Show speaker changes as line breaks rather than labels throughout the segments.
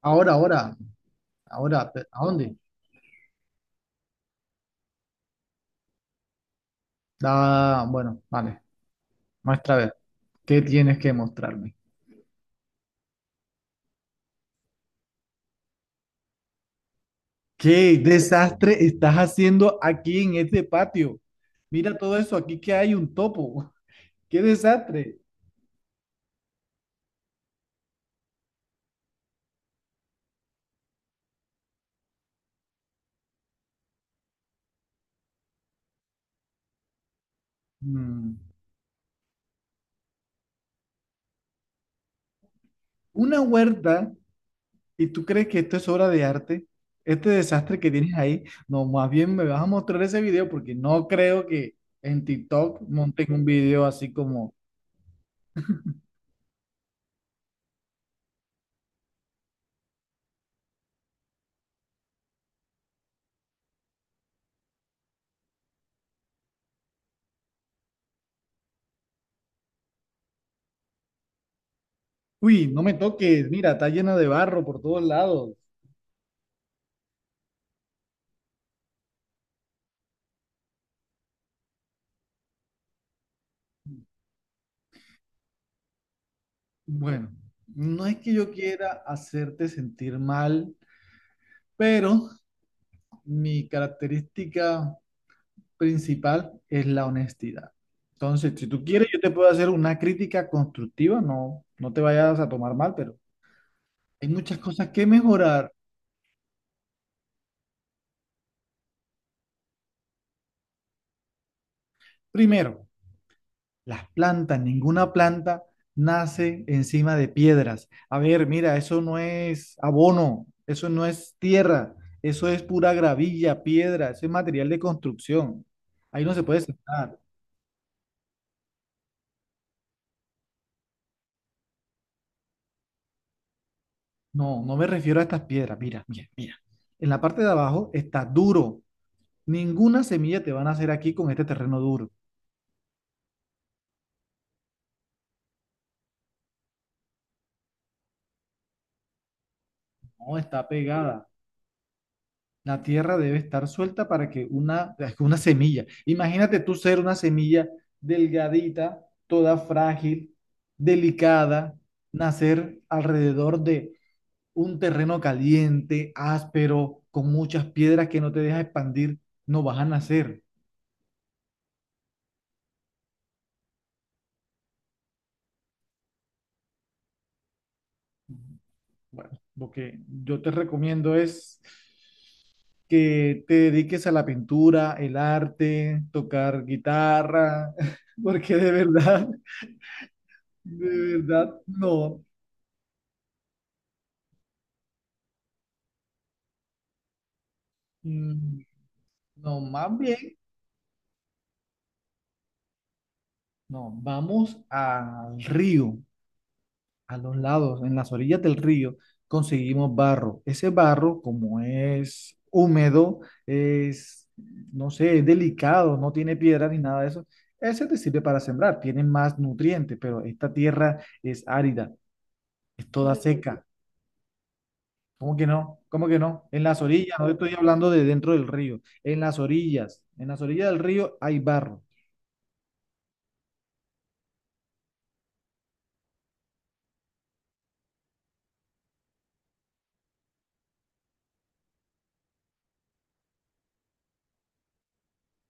Ahora, ahora, ahora, ¿a dónde? Da, bueno, vale, muestra a ver, ¿qué tienes que mostrarme? ¿Qué desastre estás haciendo aquí en este patio? Mira todo eso, aquí que hay un topo. ¡Qué desastre! Mm, Una huerta, ¿y tú crees que esto es obra de arte? Este desastre que tienes ahí, no, más bien me vas a mostrar ese video porque no creo que en TikTok monten un video así como, uy, no me toques, mira, está llena de barro por todos lados. Bueno, no es que yo quiera hacerte sentir mal, pero mi característica principal es la honestidad. Entonces, si tú quieres, yo te puedo hacer una crítica constructiva, no, no te vayas a tomar mal, pero hay muchas cosas que mejorar. Primero, las plantas, ninguna planta nace encima de piedras. A ver, mira, eso no es abono, eso no es tierra, eso es pura gravilla, piedra, eso es material de construcción. Ahí no se puede sentar. No, no me refiero a estas piedras. Mira, mira, mira. En la parte de abajo está duro. Ninguna semilla te van a hacer aquí con este terreno duro. No, está pegada. La tierra debe estar suelta para que una, es que una semilla, imagínate tú ser una semilla delgadita, toda frágil, delicada, nacer alrededor de un terreno caliente, áspero, con muchas piedras que no te deja expandir, no vas a nacer. Bueno, lo que yo te recomiendo es que te dediques a la pintura, el arte, tocar guitarra, porque de verdad, no. Mm, No, más bien, no, vamos al río, a los lados, en las orillas del río, conseguimos barro. Ese barro, como es húmedo, es, no sé, es delicado, no tiene piedra ni nada de eso. Ese te sirve para sembrar, tiene más nutrientes, pero esta tierra es árida, es toda seca. ¿Cómo que no? ¿Cómo que no? En las orillas, no estoy hablando de dentro del río, en las orillas del río hay barro.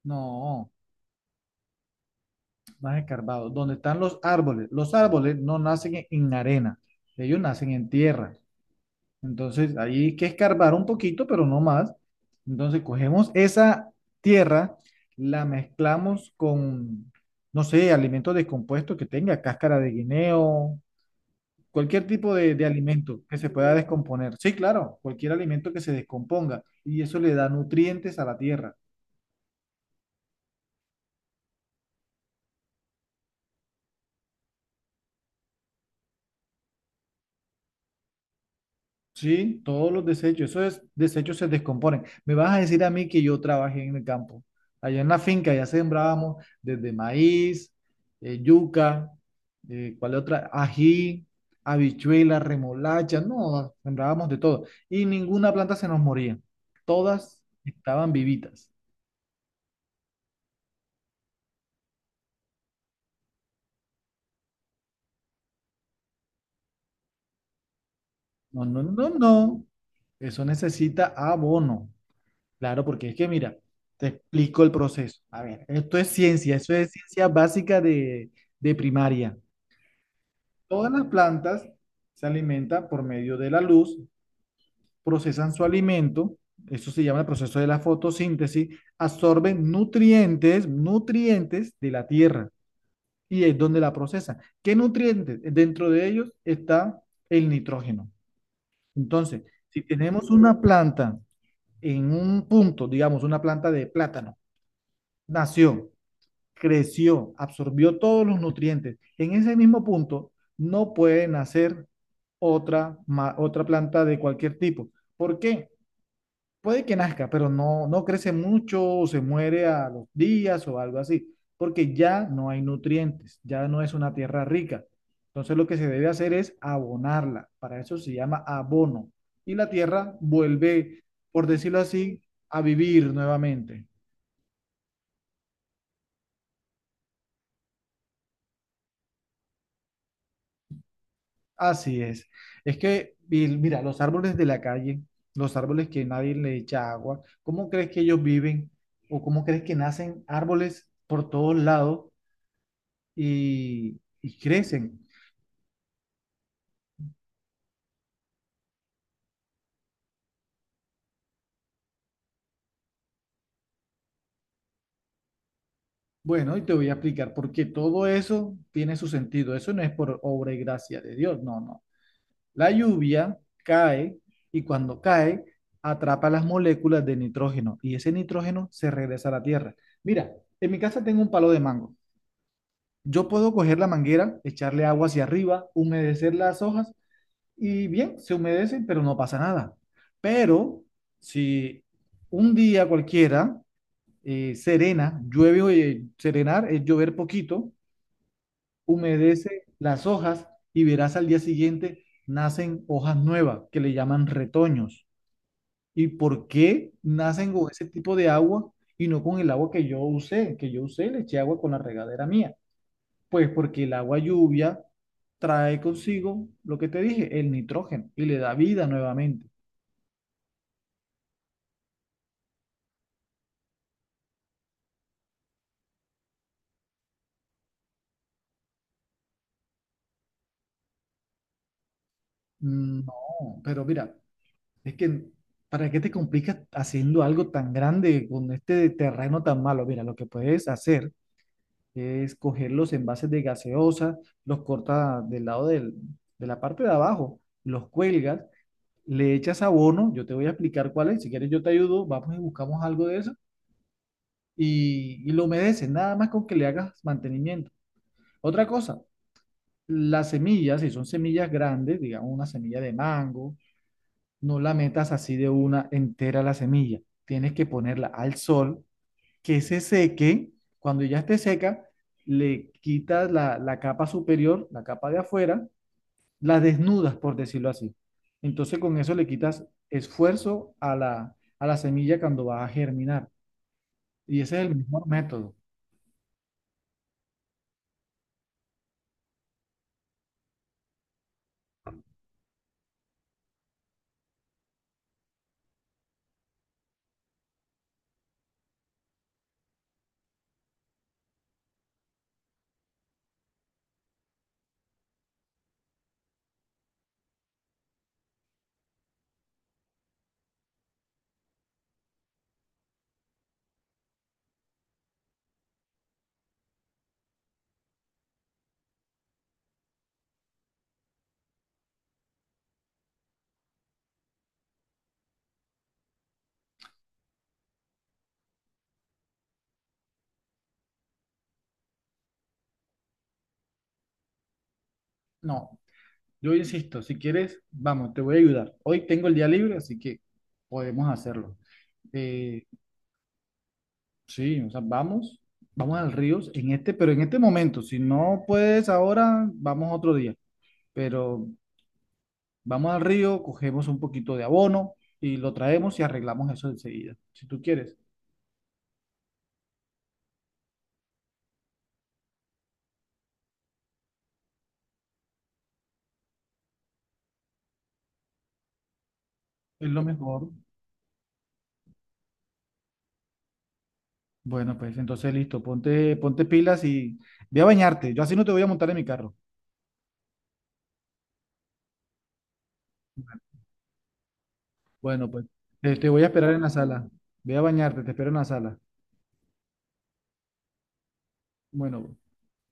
No, más escarbado. Donde están los árboles. Los árboles no nacen en arena, ellos nacen en tierra. Entonces, ahí hay que escarbar un poquito, pero no más. Entonces, cogemos esa tierra, la mezclamos con, no sé, alimentos descompuestos que tenga, cáscara de guineo, cualquier tipo de alimento que se pueda descomponer. Sí, claro, cualquier alimento que se descomponga. Y eso le da nutrientes a la tierra. Sí, todos los desechos, esos desechos se descomponen. Me vas a decir a mí que yo trabajé en el campo. Allá en la finca ya sembrábamos desde maíz, yuca, ¿cuál otra? Ají, habichuela, remolacha, no, sembrábamos de todo. Y ninguna planta se nos moría. Todas estaban vivitas. No, no, no, no. Eso necesita abono. Claro, porque es que mira, te explico el proceso. A ver, esto es ciencia, eso es ciencia básica de primaria. Todas las plantas se alimentan por medio de la luz, procesan su alimento, eso se llama el proceso de la fotosíntesis, absorben nutrientes, nutrientes de la tierra y es donde la procesan. ¿Qué nutrientes? Dentro de ellos está el nitrógeno. Entonces, si tenemos una planta en un punto, digamos, una planta de plátano, nació, creció, absorbió todos los nutrientes. En ese mismo punto no puede nacer otra, otra planta de cualquier tipo. ¿Por qué? Puede que nazca, pero no, no crece mucho o se muere a los días o algo así, porque ya no hay nutrientes, ya no es una tierra rica. Entonces lo que se debe hacer es abonarla. Para eso se llama abono. Y la tierra vuelve, por decirlo así, a vivir nuevamente. Así es. Es que, Bill, mira, los árboles de la calle, los árboles que nadie le echa agua, ¿cómo crees que ellos viven? ¿O cómo crees que nacen árboles por todos lados y crecen? Bueno, y te voy a explicar, porque todo eso tiene su sentido. Eso no es por obra y gracia de Dios, no, no. La lluvia cae y cuando cae atrapa las moléculas de nitrógeno y ese nitrógeno se regresa a la tierra. Mira, en mi casa tengo un palo de mango. Yo puedo coger la manguera, echarle agua hacia arriba, humedecer las hojas y bien, se humedecen, pero no pasa nada. Pero si un día cualquiera, serena, llueve, o, serenar es llover poquito, humedece las hojas y verás al día siguiente nacen hojas nuevas que le llaman retoños. ¿Y por qué nacen con ese tipo de agua y no con el agua que yo usé? Que yo usé, le eché agua con la regadera mía. Pues porque el agua lluvia trae consigo lo que te dije, el nitrógeno, y le da vida nuevamente. No, pero mira, es que ¿para qué te complicas haciendo algo tan grande con este terreno tan malo? Mira, lo que puedes hacer es coger los envases de gaseosa, los cortas del lado de la parte de abajo, los cuelgas, le echas abono, yo te voy a explicar cuál es, si quieres yo te ayudo, vamos y buscamos algo de eso, y lo humedeces, nada más con que le hagas mantenimiento. Otra cosa, las semillas, si son semillas grandes, digamos una semilla de mango, no la metas así de una entera la semilla. Tienes que ponerla al sol, que se seque. Cuando ya esté seca, le quitas la, la capa superior, la capa de afuera, la desnudas, por decirlo así. Entonces con eso le quitas esfuerzo a la semilla cuando va a germinar. Y ese es el mejor método. No, yo insisto, si quieres, vamos, te voy a ayudar. Hoy tengo el día libre, así que podemos hacerlo. Eh, sí, o sea, vamos, vamos al río en este, pero en este momento, si no puedes ahora, vamos otro día. Pero vamos al río, cogemos un poquito de abono y lo traemos y arreglamos eso enseguida. Si tú quieres, es lo mejor. Bueno, pues entonces listo, ponte, ponte pilas y ve a bañarte. Yo así no te voy a montar en mi carro. Bueno, pues te voy a esperar en la sala. Ve a bañarte, te espero en la sala. Bueno.